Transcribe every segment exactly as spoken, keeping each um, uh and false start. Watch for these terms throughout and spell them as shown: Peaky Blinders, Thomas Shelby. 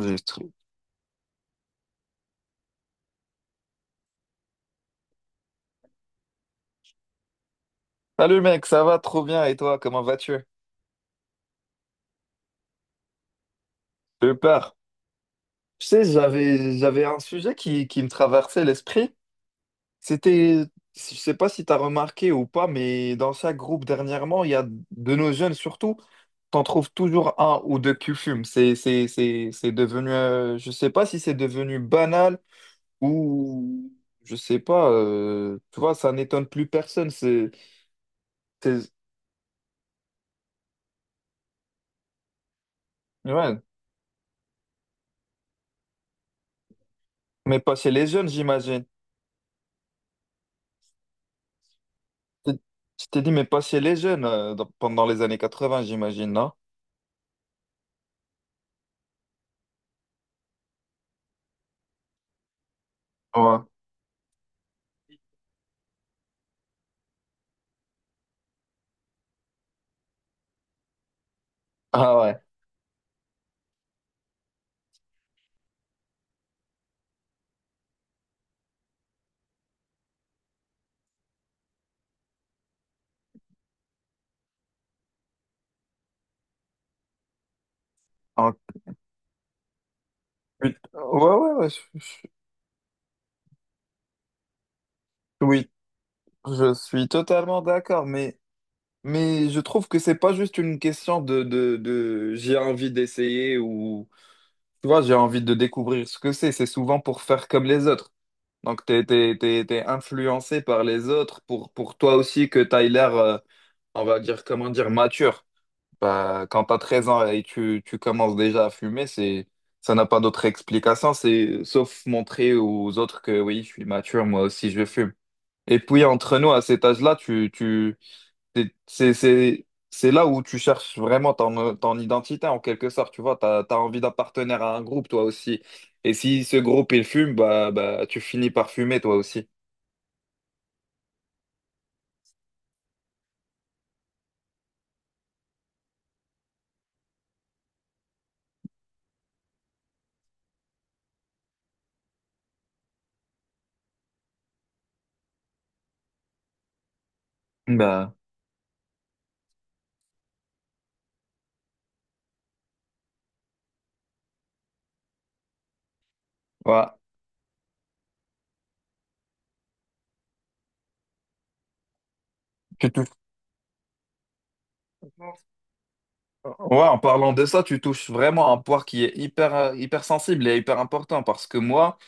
Juste. Salut mec, ça va trop bien et toi, comment vas-tu? J'ai eu peur. Tu sais, j'avais j'avais un sujet qui, qui me traversait l'esprit. C'était, je sais pas si tu as remarqué ou pas, mais dans chaque groupe dernièrement, il y a de nos jeunes surtout, t'en trouves toujours un ou deux qui fument. C'est c'est c'est c'est devenu, euh, je sais pas si c'est devenu banal ou je sais pas. Euh, tu vois, ça n'étonne plus personne. C'est c'est- ouais, mais pas chez les jeunes, j'imagine. t'es- Tu t'es dit, mais passer les jeunes euh, dans- pendant les années quatre-vingts j'imagine, non? Ouais. Ah ouais. En- Ouais, ouais, ouais. Je- je- oui, je suis totalement d'accord, mais, mais je trouve que c'est pas juste une question de, de, de j'ai envie d'essayer ou tu vois, j'ai envie de découvrir ce que c'est. C'est souvent pour faire comme les autres. Donc, t'es, t'es, t'es, t'es influencé par les autres pour, pour toi aussi que t'as l'air, euh, on va dire, comment dire, mature. Bah, quand tu as treize ans et tu, tu commences déjà à fumer, c'est, ça n'a pas d'autre explication, c'est, sauf montrer aux autres que oui, je suis mature, moi aussi je fume. Et puis entre nous, à cet âge-là, tu, tu, c'est, c'est, c'est c'est là où tu cherches vraiment ton, ton identité en quelque sorte, tu vois, tu as, envie d'appartenir à un groupe toi aussi. Et si ce groupe il fume, bah, bah, tu finis par fumer toi aussi. Bah, voilà. Tu touches. Ouais, en parlant de ça, tu touches vraiment un point qui est hyper, euh, hyper sensible et hyper important parce que moi,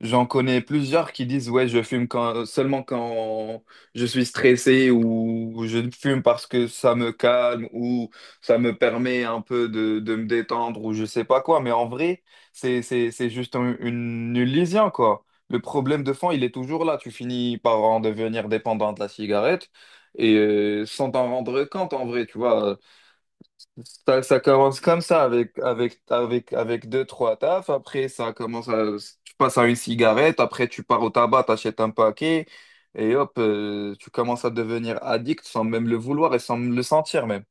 j'en connais plusieurs qui disent, ouais, je fume quand, seulement quand je suis stressé ou je fume parce que ça me calme ou ça me permet un peu de, de me détendre ou je sais pas quoi. Mais en vrai, c'est, c'est, c'est juste un- une, une illusion, quoi. Le problème de fond, il est toujours là. Tu finis par en devenir dépendant de la cigarette et euh, sans t'en rendre compte, en vrai, tu vois. Ça, ça commence comme ça avec, avec, avec, avec deux, trois tafs. Après, ça commence à, tu passes à une cigarette. Après, tu pars au tabac, t'achètes un paquet. Et hop, euh, tu commences à devenir addict sans même le vouloir et sans le sentir même.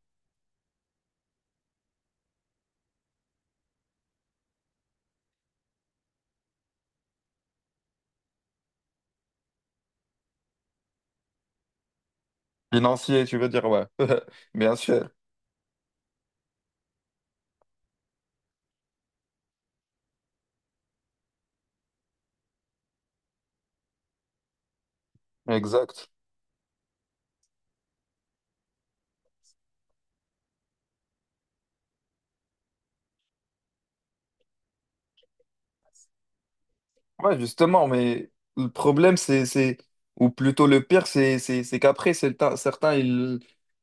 Financier, tu veux dire, ouais. Bien sûr. Exact. Ouais, justement, mais le problème, c'est, c'est, ou plutôt le pire, c'est, c'est, c'est qu'après, c'est le temps- certains, ils,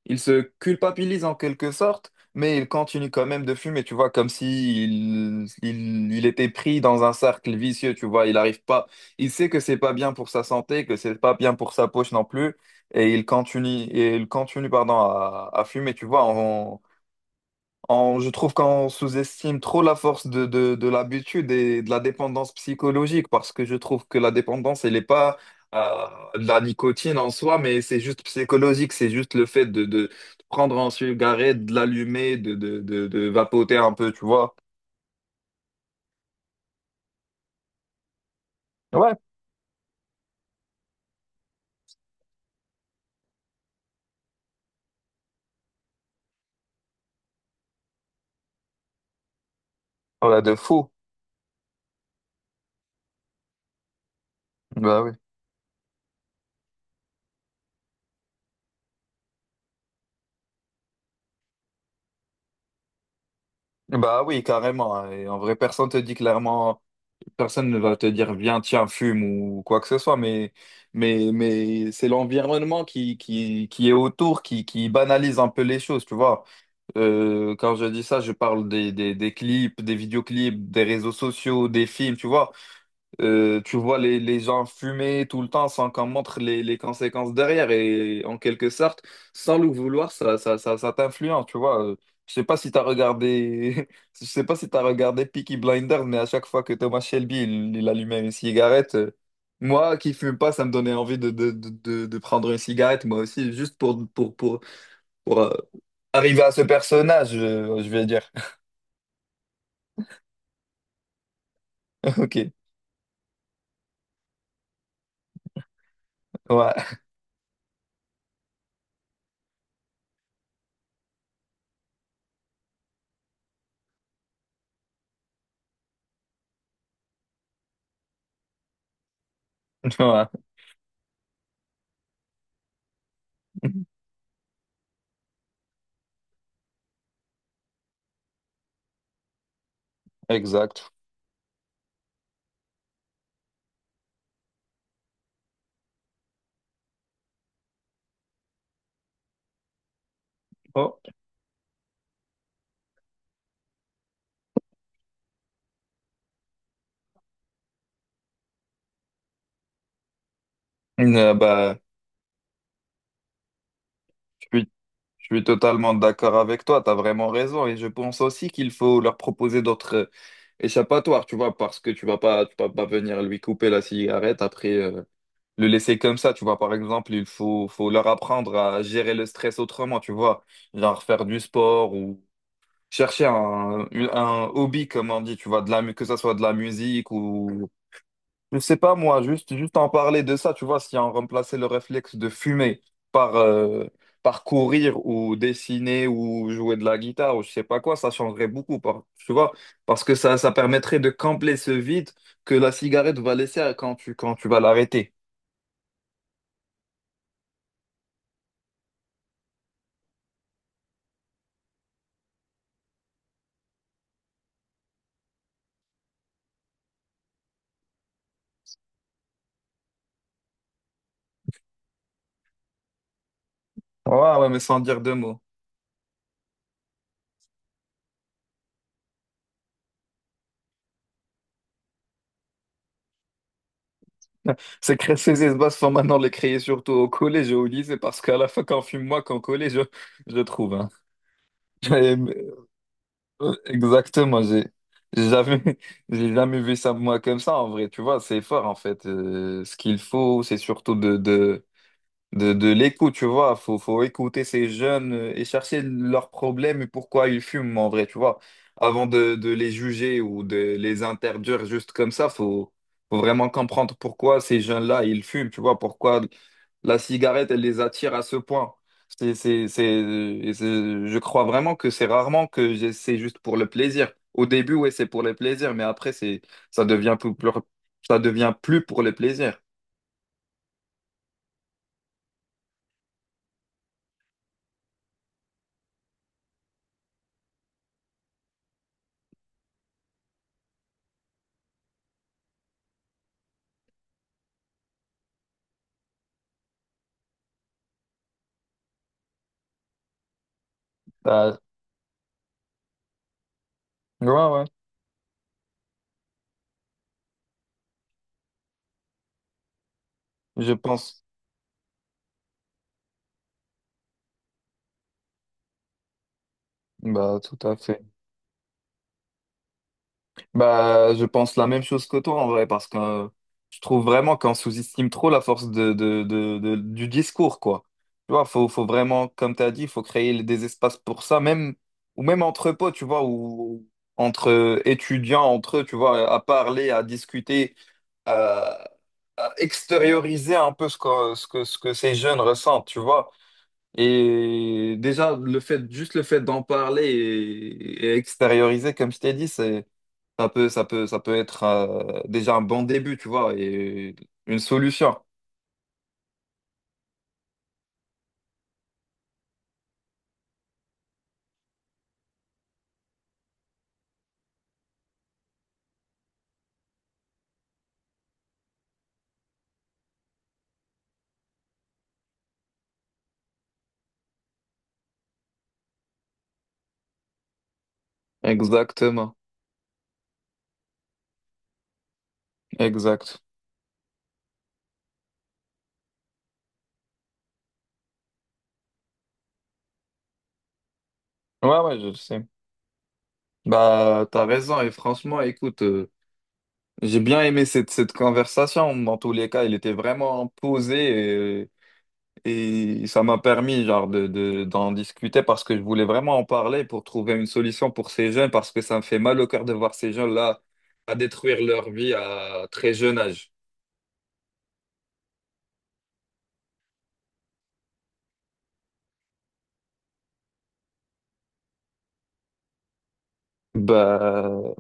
ils se culpabilisent en quelque sorte, mais ils continuent quand même de fumer, tu vois, comme si il, il, il était pris dans un cercle vicieux, tu vois, il n'arrive pas, il sait que c'est pas bien pour sa santé, que c'est pas bien pour sa poche non plus, et il continue, et il continue, pardon, à, à fumer, tu vois, on- je trouve qu'on sous-estime trop la force de, de, de l'habitude et de la dépendance psychologique parce que je trouve que la dépendance, elle n'est pas euh, de la nicotine en soi, mais c'est juste psychologique, c'est juste le fait de, de prendre un cigarette, de l'allumer, de, de, de, de vapoter un peu, tu vois. Ouais, voilà, de fou. Bah oui. Bah oui, carrément. Et en vrai, personne te dit clairement. Personne ne va te dire viens, tiens, fume ou quoi que ce soit, mais, mais, mais c'est l'environnement qui, qui, qui est autour, qui, qui banalise un peu les choses, tu vois. Euh, quand je dis ça, je parle des, des, des clips, des vidéoclips, des réseaux sociaux, des films, tu vois. Euh, tu vois les, les gens fumer tout le temps sans qu'on montre les, les conséquences derrière et en quelque sorte, sans le vouloir, ça, ça, ça, ça t'influence, tu vois. Euh, Je sais pas si t'as regardé, je sais pas si t'as regardé Peaky Blinders, mais à chaque fois que Thomas Shelby, il, il allumait une cigarette, euh, moi qui fume pas, ça me donnait envie de, de, de, de, de prendre une cigarette, moi aussi, juste pour, pour, pour, pour euh, arriver à ce personnage, euh, je vais dire. Ok, ouais, ouais, exact. Oh. Euh, bah, je suis Je suis totalement d'accord avec toi, tu as vraiment raison et je pense aussi qu'il faut leur proposer d'autres euh, échappatoires, tu vois, parce que tu vas pas tu vas pas venir lui couper la cigarette après euh, le laisser comme ça, tu vois, par exemple, il faut faut leur apprendre à gérer le stress autrement, tu vois, genre faire du sport ou chercher un, un hobby comme on dit, tu vois, de la mu- que ça soit de la musique ou. Je sais pas moi, juste, juste en parler de ça, tu vois, si on remplaçait le réflexe de fumer par, euh, par courir ou dessiner ou jouer de la guitare ou je sais pas quoi, ça changerait beaucoup, par- tu vois, parce que ça, ça permettrait de combler ce vide que la cigarette va laisser quand tu, quand tu vas l'arrêter. Ouais, ouais, mais sans dire deux mots. Ces, cré- ces espaces sont maintenant les créés surtout au collège et au lycée parce qu'à la fin, quand on fume moi, qu'en collège, je, je trouve, hein. Euh, Exactement, j'ai j'ai jamais, j'ai jamais vu ça moi comme ça en vrai, tu vois, c'est fort en fait. Euh, ce qu'il faut, c'est surtout de, de, de, de l'écoute, tu vois, faut, faut écouter ces jeunes euh, et chercher leurs problèmes et pourquoi ils fument en vrai, tu vois. Avant de, de les juger ou de les interdire juste comme ça, faut, faut vraiment comprendre pourquoi ces jeunes-là, ils fument, tu vois, pourquoi la cigarette, elle les attire à ce point. C'est, c'est, c'est, et c'est- je crois vraiment que c'est rarement que j'ai- c'est juste pour le plaisir. Au début, ouais, c'est pour le plaisir, mais après, c'est, ça devient plus, plus- ça devient plus pour le plaisir. Bah, ouais, ouais, je pense. Bah, tout à fait. Bah, je pense la même chose que toi en vrai, parce que euh, je trouve vraiment qu'on sous-estime trop la force de, de, de, de- du discours, quoi. Tu vois, faut, faut vraiment, comme tu as dit, il faut créer des espaces pour ça, même, ou même entre potes, tu vois, ou entre étudiants, entre eux, tu vois, à parler, à discuter, à, à extérioriser un peu ce que, ce que, ce que ces jeunes ressentent, tu vois. Et déjà, le fait, juste le fait d'en parler et, et extérioriser, comme je t'ai dit, c'est ça peut, ça peut, ça peut être euh, déjà un bon début, tu vois, et une solution. Exactement, exact. Ouais, ouais, je le sais. Bah, t'as raison, et franchement, écoute, euh, j'ai bien aimé cette, cette conversation. Dans tous les cas, il était vraiment posé et, et ça m'a permis, genre, de, de, d'en discuter parce que je voulais vraiment en parler pour trouver une solution pour ces jeunes parce que ça me fait mal au cœur de voir ces jeunes-là à détruire leur vie à très jeune âge. Bah,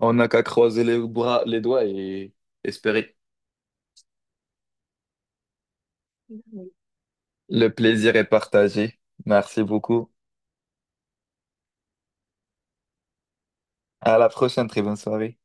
on n'a qu'à croiser les bras, les doigts et espérer. Le plaisir est partagé. Merci beaucoup. À la prochaine, très bonne soirée.